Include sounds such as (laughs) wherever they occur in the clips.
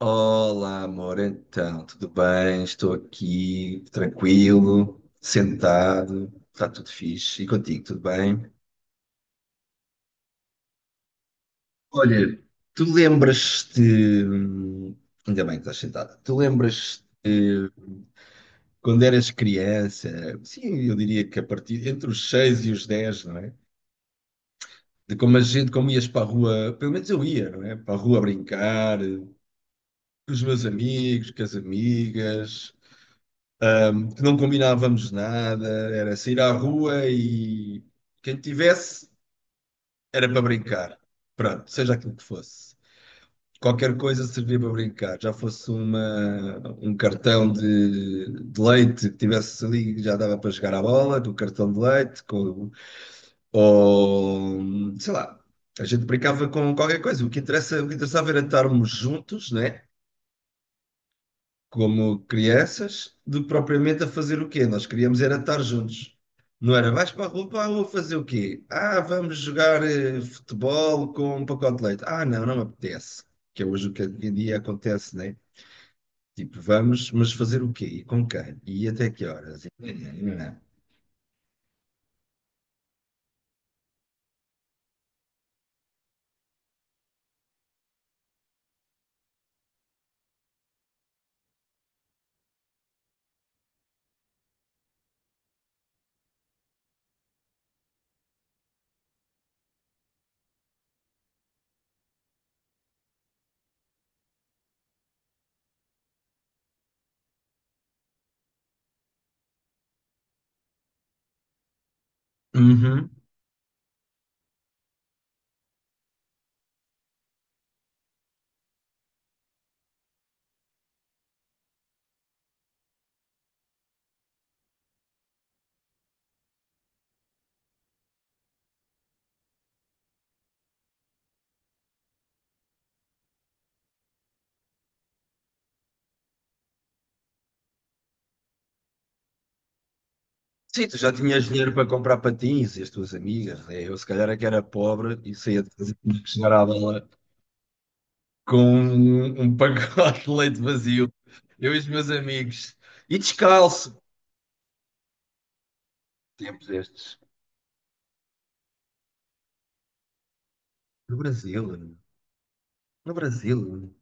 Olá, amor, então, tudo bem? Estou aqui, tranquilo, sentado, está tudo fixe. E contigo, tudo bem? Olha, tu lembras-te. hum, Ainda bem que estás sentada. Tu lembras-te quando eras criança? Sim, eu diria que a partir entre os 6 e os 10, não é? De como a gente, como ias para a rua, pelo menos eu ia, não é? Para a rua brincar, com os meus amigos, com as amigas. Que não combinávamos nada, era sair à rua e quem tivesse era para brincar. Pronto, seja aquilo que fosse. Qualquer coisa servia para brincar, já fosse uma, um cartão de leite que tivesse ali, já dava para jogar à bola, com o cartão de leite, com, ou sei lá, a gente brincava com qualquer coisa. O que interessa, o que interessava era estarmos juntos, né? Como crianças, de propriamente a fazer o quê? Nós queríamos era estar juntos. Não era, vais para a rua fazer o quê? Ah, vamos jogar futebol com um pacote de leite. Ah, não, não me apetece. Que é hoje o que hoje em dia acontece, né? Tipo, vamos, mas fazer o quê? E com quem? E até que horas? E- Uhum. Sim, tu já tinhas dinheiro para comprar patins e as tuas amigas, né? Eu se calhar é que era pobre e saía de casa, tinha que chegar à bala (laughs) com um, um pacote de leite vazio, eu e os meus amigos, e descalço. Tempos estes. No Brasil, no Brasil.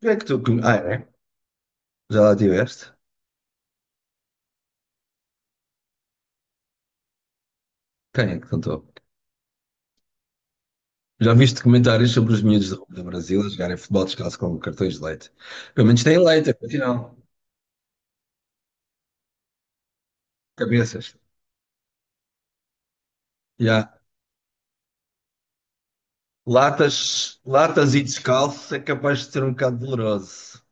Quem é que tu. Com- Ah, é? Já lá tiveste? Quem é que contou? Já viste comentários sobre os miúdos do Brasil a jogarem futebol descalço com cartões de leite? Pelo menos têm leite, afinal. Cabeças. Já. Latas, latas e descalço é capaz de ser um bocado doloroso.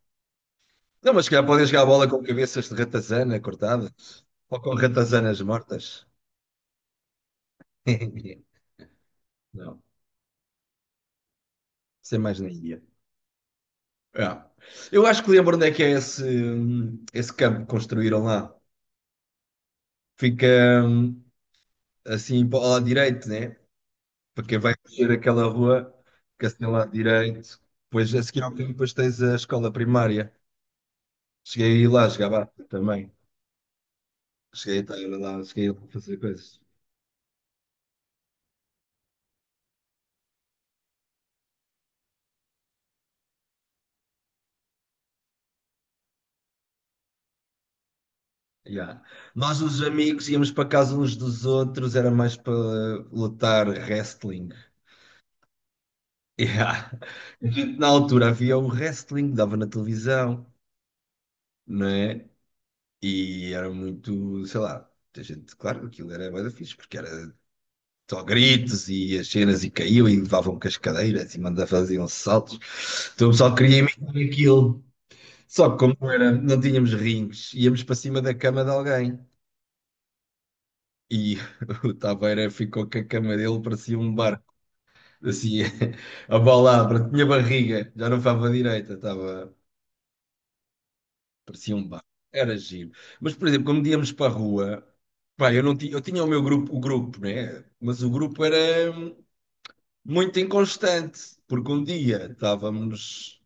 Não, mas se calhar podem jogar a bola com cabeças de ratazana cortadas ou com ratazanas mortas. (laughs) Não, sem mais na Índia. É. Eu acho que lembro onde é que é esse, esse campo que construíram lá. Fica hum, assim para o lado direito, né? Para quem vai descer aquela rua, fica assim ao lado direito. Depois a seguir ao caminho, depois tens a escola primária. Cheguei a ir lá, jogava também. Cheguei a estar lá, cheguei a fazer coisas. Ya. Nós, os amigos, íamos para casa uns dos outros, era mais para lutar wrestling. (laughs) Ya. A gente, na altura havia o wrestling, dava na televisão, não é? E era muito, sei lá, a gente, claro, aquilo era bué da fixe, porque era só gritos e as cenas e caiu e levavam com as cadeiras e mandavam faziam saltos. Então o pessoal queria imitar aquilo. Só que como não era, não tínhamos rings, íamos para cima da cama de alguém. E (laughs) o Taveira ficou com a cama dele, parecia um barco, assim, (laughs) a balabra tinha barriga, já não estava direita, estava, parecia um barco, era giro. Mas, por exemplo, quando íamos para a rua, pá, eu não tinha, eu tinha o meu grupo, o grupo, né? Mas o grupo era muito inconstante, porque um dia estávamos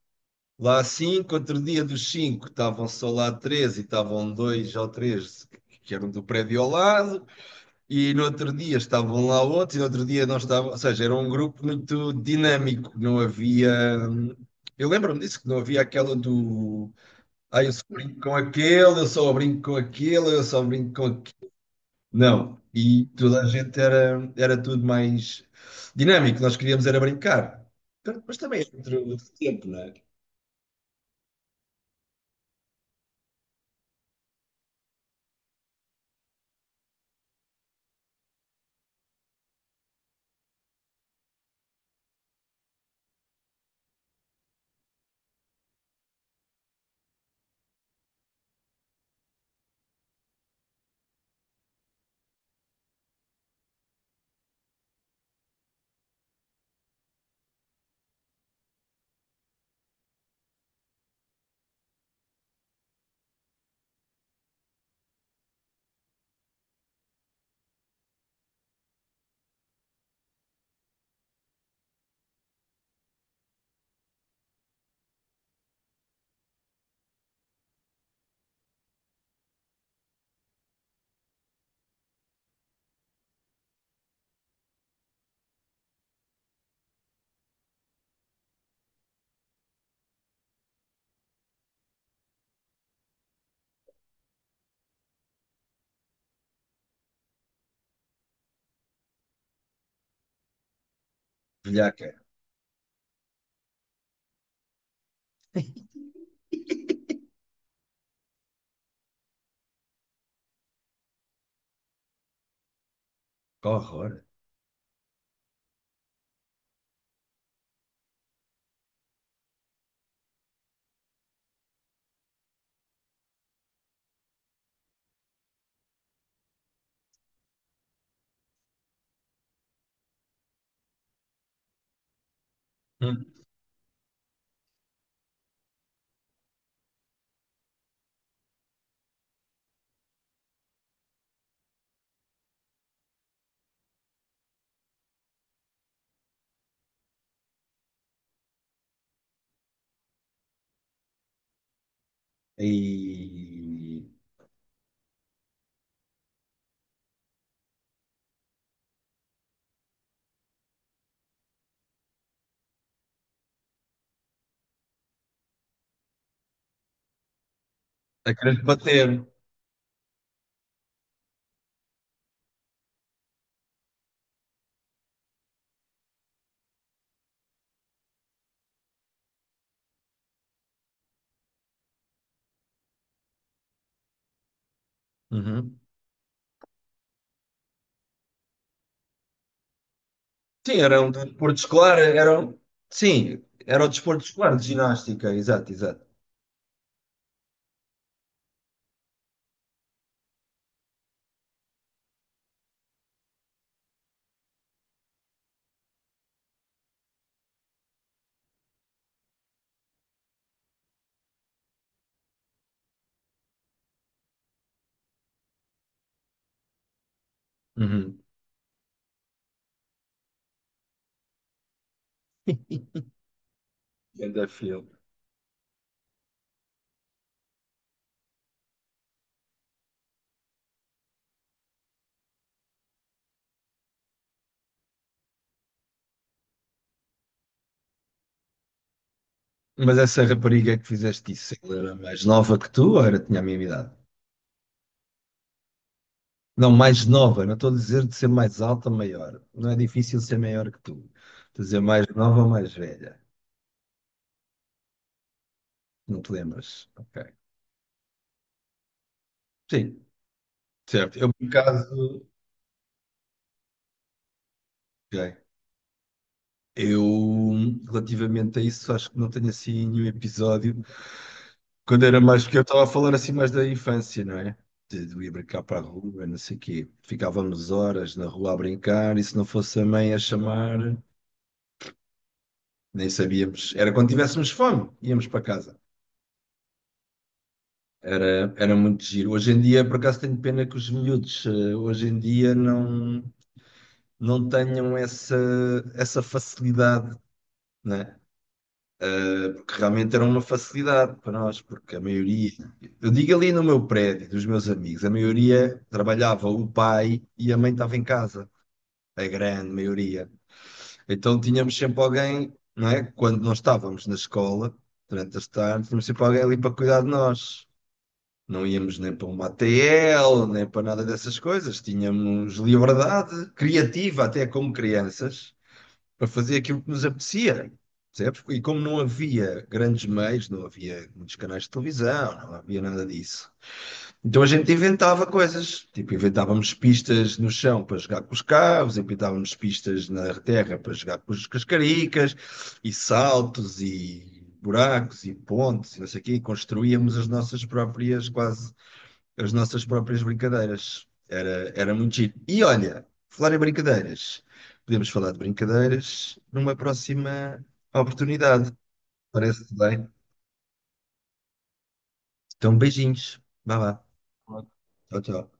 lá cinco, outro dia dos cinco estavam só lá três e estavam dois ou três que eram do prédio ao lado. E no outro dia estavam lá outros, e no outro dia não estavam, ou seja, era um grupo muito dinâmico, não havia. Eu lembro-me disso, que não havia aquela do. Ah, eu só brinco com aquele, eu só brinco com aquele, eu só brinco com aquele. Não. E toda a gente era, era tudo mais dinâmico, nós queríamos era brincar. Mas também é outro tempo, não é? Velhaca, que horror. Hum. E. A querer bater. Uhum. Sim, era um desporto escolar, era, um- sim, era o desporto escolar de ginástica, exato, exato. Uhum. Ganda filme. Mas essa rapariga que fizeste isso, ela era mais nova que tu ou era, tinha a mesma idade? Não, mais nova, não estou a dizer de ser mais alta ou maior. Não é difícil ser maior que tu. Estou a dizer mais nova ou mais velha. Não te lembras? Ok. Sim, certo. Eu, por acaso, ok. Eu, relativamente a isso, acho que não tenho assim nenhum episódio. Quando era mais pequeno, eu estava a falar assim mais da infância, não é? De ir brincar para a rua, não sei o quê. Ficávamos horas na rua a brincar e se não fosse a mãe a chamar, nem sabíamos. Era quando tivéssemos fome, íamos para casa. Era muito giro. Hoje em dia, por acaso, tenho pena que os miúdos, hoje em dia, não, não tenham essa, essa facilidade, né? Porque realmente era uma facilidade para nós, porque a maioria, eu digo ali no meu prédio, dos meus amigos, a maioria trabalhava o pai e a mãe estava em casa, a grande maioria. Então tínhamos sempre alguém, não é? Quando nós estávamos na escola, durante as tardes, tínhamos sempre alguém ali para cuidar de nós. Não íamos nem para uma ATL, nem para nada dessas coisas. Tínhamos liberdade criativa até como crianças para fazer aquilo que nos apetecia, percebes? E como não havia grandes meios, não havia muitos canais de televisão, não havia nada disso. Então a gente inventava coisas, tipo inventávamos pistas no chão para jogar com os carros, inventávamos pistas na terra para jogar com os- com as cascaricas, e saltos, e buracos, e pontes, e não sei o quê, e construíamos as nossas próprias quase as nossas próprias brincadeiras. Era, era muito giro. E olha, falar em brincadeiras, podemos falar de brincadeiras numa próxima oportunidade. Parece-te bem? Então, beijinhos. Vá lá. Tchau, tchau.